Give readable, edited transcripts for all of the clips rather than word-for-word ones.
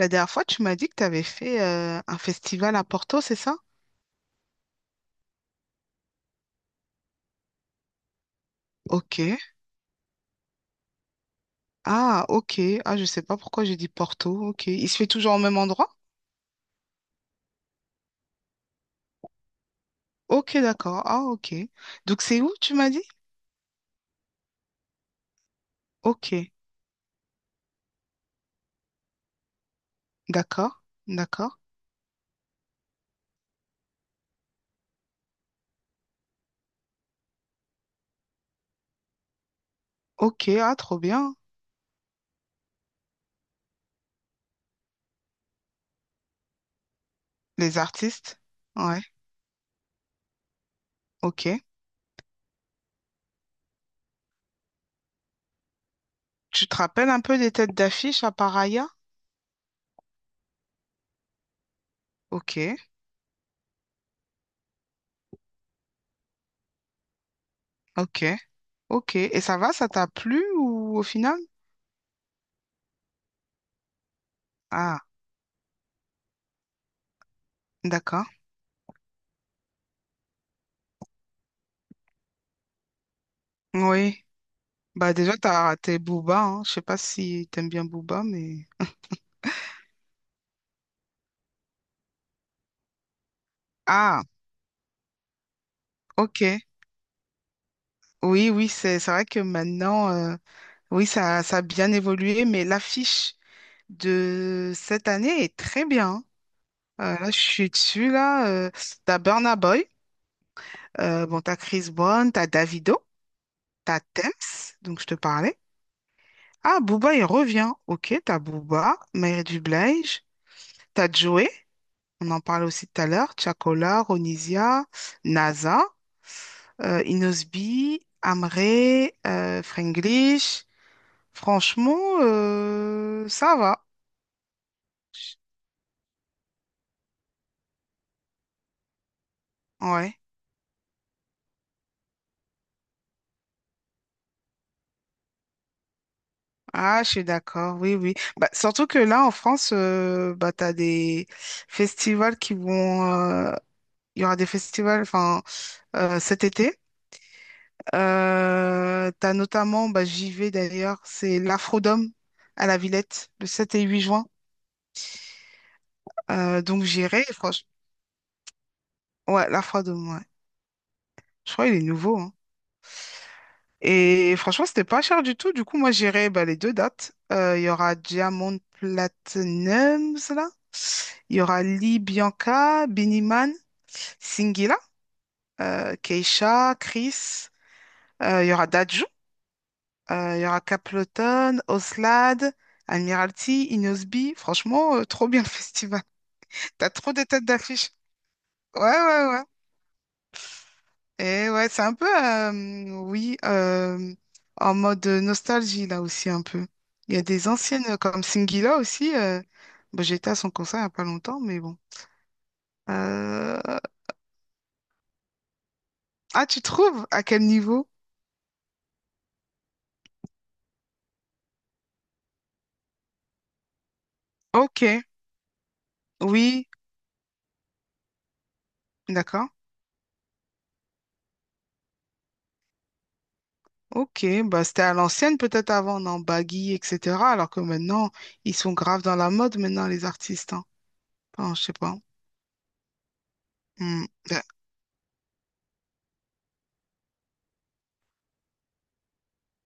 La dernière fois, tu m'as dit que tu avais fait un festival à Porto, c'est ça? Ok. Ah, ok. Ah, je sais pas pourquoi j'ai dit Porto. Ok. Il se fait toujours au même endroit? Ok, d'accord. Ah, ok. Donc, c'est où, tu m'as dit? Ok. D'accord. D'accord. Ok. Ah, trop bien. Les artistes? Ouais. Ok. Tu te rappelles un peu des têtes d'affiche à Paraya? Ok. Ok. Ok. Et ça va, ça t'a plu ou au final? Ah, d'accord. Oui. Bah déjà, t'as raté Booba, hein. Je sais pas si t'aimes bien Booba, mais... Ah, ok. Oui, oui, c'est vrai que maintenant, oui, ça a bien évolué, mais l'affiche de cette année est très bien, hein. Là, je suis dessus, là. T'as Burna Boy, bon, t'as Chris Brown, t'as Davido, t'as Tems, donc je te parlais. Ah, Booba, il revient. Ok, t'as Booba, Mary J. Blige, t'as Joey, on en parlait aussi tout à l'heure, Chakola Ronisia, NASA. Inosby, Amré, Fraenglish. Franchement, ça va. Ouais. Ah, je suis d'accord. Oui, oui. Bah, surtout que là, en France, bah, tu as des festivals il y aura des festivals enfin, cet été. Tu as notamment, bah, j'y vais d'ailleurs, c'est l'Afrodome à la Villette, le 7 et 8 juin. Donc j'irai, franchement. Ouais, l'Afrodome, ouais. Je crois qu'il est nouveau, hein. Et franchement, c'était pas cher du tout. Du coup, moi, j'irai, bah, les deux dates. Il y aura Diamond Platinums, là. Il y aura Lee Bianca, Biniman, Singila, Keisha, Chris. Il y aura Dadju. Il y aura Capleton, Oslad, Admiralty, Inosby. Franchement, trop bien le festival. T'as trop de têtes d'affiche. Ouais, ouais, ouais. Et ouais, c'est un peu, oui, en mode nostalgie là aussi un peu. Il y a des anciennes comme Singila aussi. Bah, j'étais à son concert il n'y a pas longtemps, mais bon. Euh, Ah, tu trouves? À quel niveau? Ok, oui, d'accord. Ok, bah c'était à l'ancienne peut-être avant, en baggy, etc. Alors que maintenant, ils sont graves dans la mode maintenant, les artistes, hein. Enfin, je sais pas. Hmm. Ben,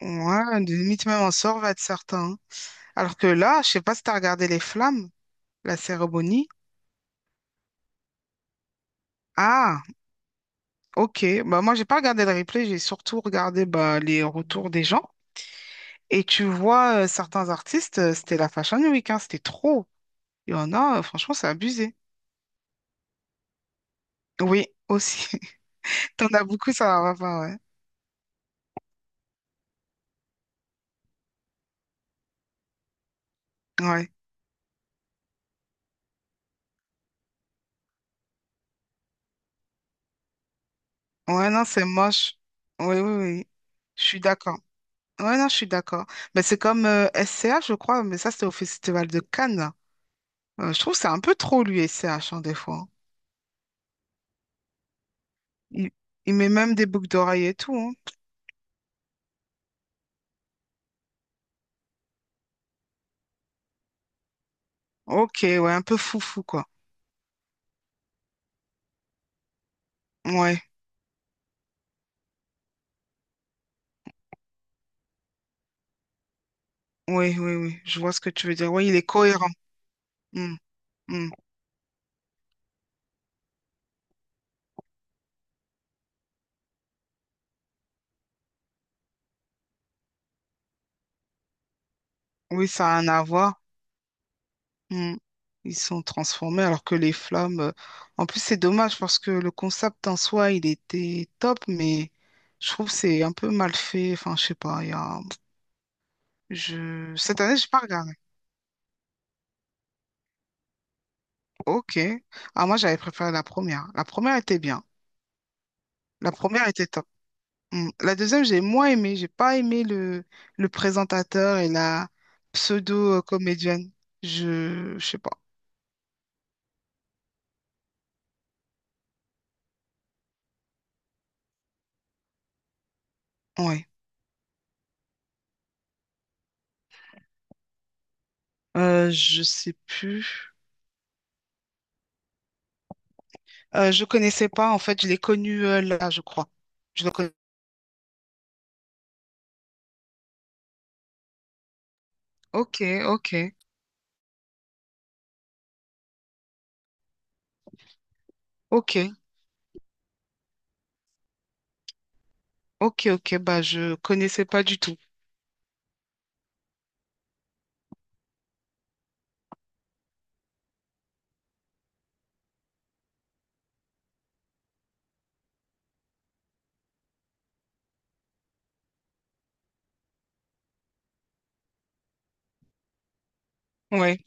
ouais, limite même en sort va être certain, hein. Alors que là, je sais pas si t'as regardé les flammes. La cérémonie? Ah, ok. Bah, moi, j'ai pas regardé le replay, j'ai surtout regardé, bah, les retours des gens. Et tu vois, certains artistes, c'était la Fashion Week, hein, c'était trop. Il y en a, franchement, c'est abusé. Oui, aussi. T'en as beaucoup, ça va pas, ouais. Ouais. Ouais, non, c'est moche. Oui, oui, oui. Je suis d'accord. Ouais, non, je suis d'accord. Mais c'est comme S C H, je crois, mais ça, c'était au Festival de Cannes. Je trouve que c'est un peu trop, lui, S C H, hein, des fois. Il, il met même des boucles d'oreilles et tout, hein. Ok, ouais, un peu foufou, quoi. Ouais, oui, oui, oui, je vois ce que tu veux dire. Oui, il est cohérent. Hmm, hmm. Oui, ça a un avoir. Hmm. Ils sont transformés, alors que les flammes. En plus, c'est dommage parce que le concept en soi, il était top, mais je trouve que c'est un peu mal fait. Enfin, je sais pas. Il y a... je... Cette année, j'ai pas regardé. Ok. Ah, moi, j'avais préféré la première. La première était bien. La première était top. Mm. La deuxième, j'ai moins aimé. J'ai pas aimé le présentateur et la pseudo-comédienne. Je sais pas. Ouais. Je sais plus. Je connaissais pas. En fait, je l'ai connu là, je crois. Je le connais. Ok, ok, ok, ok, ok. Bah, je connaissais pas du tout. Ouais.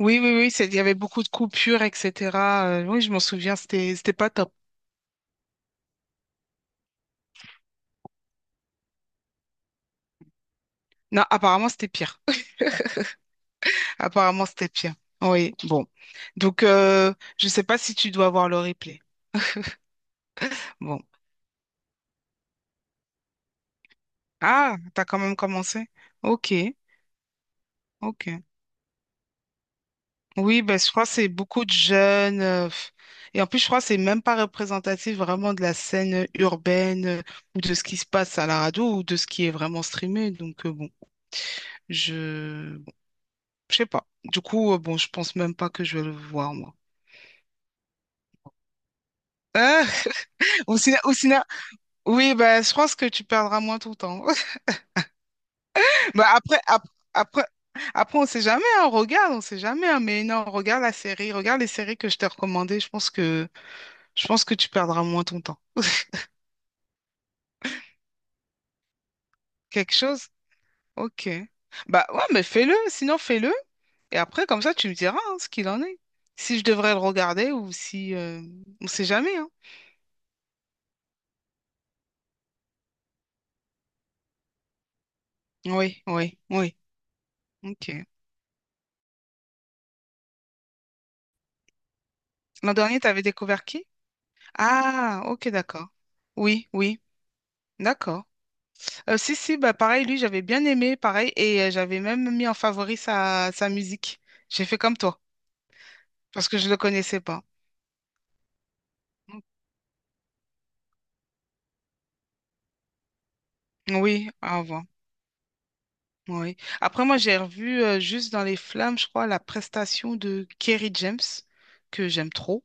Oui, oui, oui. Il y avait beaucoup de coupures, etc. Oui, je m'en souviens. C'était pas top. Non, apparemment, c'était pire. Apparemment, c'était pire. Oui, bon. Donc, je ne sais pas si tu dois voir le replay. Bon. Ah, t'as quand même commencé? Ok, ok. Oui, ben, je crois que c'est beaucoup de jeunes. Pff. Et en plus, je crois que c'est même pas représentatif vraiment de la scène urbaine, ou de ce qui se passe à la radio ou de ce qui est vraiment streamé. Donc, bon, je sais pas. Du coup, bon, je pense même pas que je vais le voir, moi. Au ciné, au ciné- oui, ben, je pense que tu perdras moins ton temps. Bah après, après, après, on sait jamais, hein, regarde, on sait jamais, hein, mais non, regarde la série, regarde les séries que je t'ai recommandées, je pense que tu perdras moins ton temps. Quelque chose? Ok. Bah ouais, mais fais-le, sinon fais-le, et après, comme ça, tu me diras, hein, ce qu'il en est. Si je devrais le regarder ou si, on sait jamais, hein. Oui, oui, oui, ok. L'an dernier, t'avais découvert qui? Ah, ok, d'accord. Oui, oui, d'accord. Si, si, bah pareil, lui, j'avais bien aimé, pareil, et j'avais même mis en favori sa musique. J'ai fait comme toi, parce que je le connaissais pas. Oui, avant. Oui. Après, moi, j'ai revu juste dans les flammes, je crois, la prestation de Kerry James, que j'aime trop.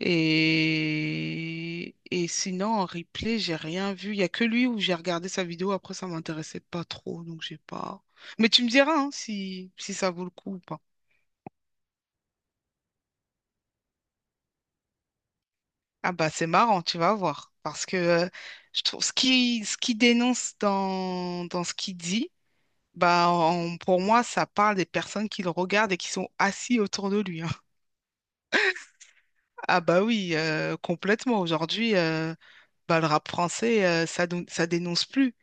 Et sinon, en replay, j'ai rien vu. Il n'y a que lui où j'ai regardé sa vidéo. Après, ça m'intéressait pas trop, donc j'ai pas. Mais tu me diras, hein, si ça vaut le coup ou pas. Ah bah c'est marrant, tu vas voir. Parce que je trouve ce qui dénonce dans ce qu'il dit, bah pour moi, ça parle des personnes qui le regardent et qui sont assis autour de lui, hein. Ah bah oui, complètement. Aujourd'hui, bah, le rap français, ça, ça dénonce plus.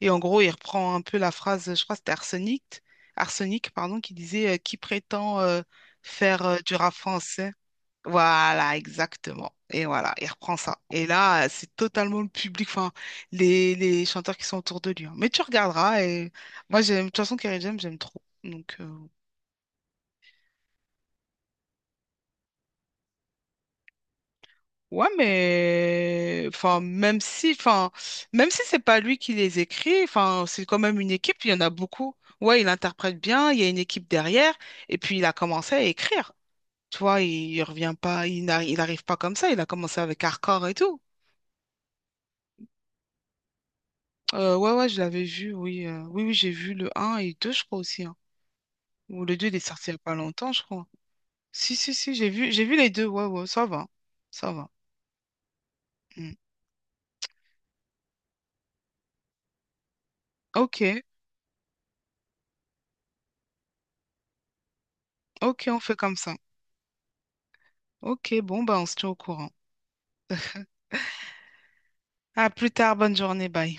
Et en gros, il reprend un peu la phrase, je crois que c'était Arsenic, Arsenic, pardon, qui prétend faire du rap français. Voilà, exactement. Et voilà, il reprend ça. Et là, c'est totalement le public, enfin, les chanteurs qui sont autour de lui, hein. Mais tu regarderas et moi, j'aime, de toute façon, Kerry James, j'aime trop. Donc, ouais, mais, enfin, même si c'est pas lui qui les écrit, enfin, c'est quand même une équipe, il y en a beaucoup. Ouais, il interprète bien, il y a une équipe derrière, et puis il a commencé à écrire. Tu vois, il revient pas, il n'arrive pas comme ça, il a commencé avec Hardcore et tout. Ouais, ouais, je l'avais vu, oui. Oui, oui, j'ai vu le un et 2 je crois aussi, hein. Ou le 2 il est sorti il n'y a pas longtemps, je crois. Si, si, si, j'ai vu, les deux. Ouais, ouais, ça va. Ça va. Mm. Ok, ok, on fait comme ça. Ok, bon, bah, on se tient au courant. À plus tard, bonne journée, bye.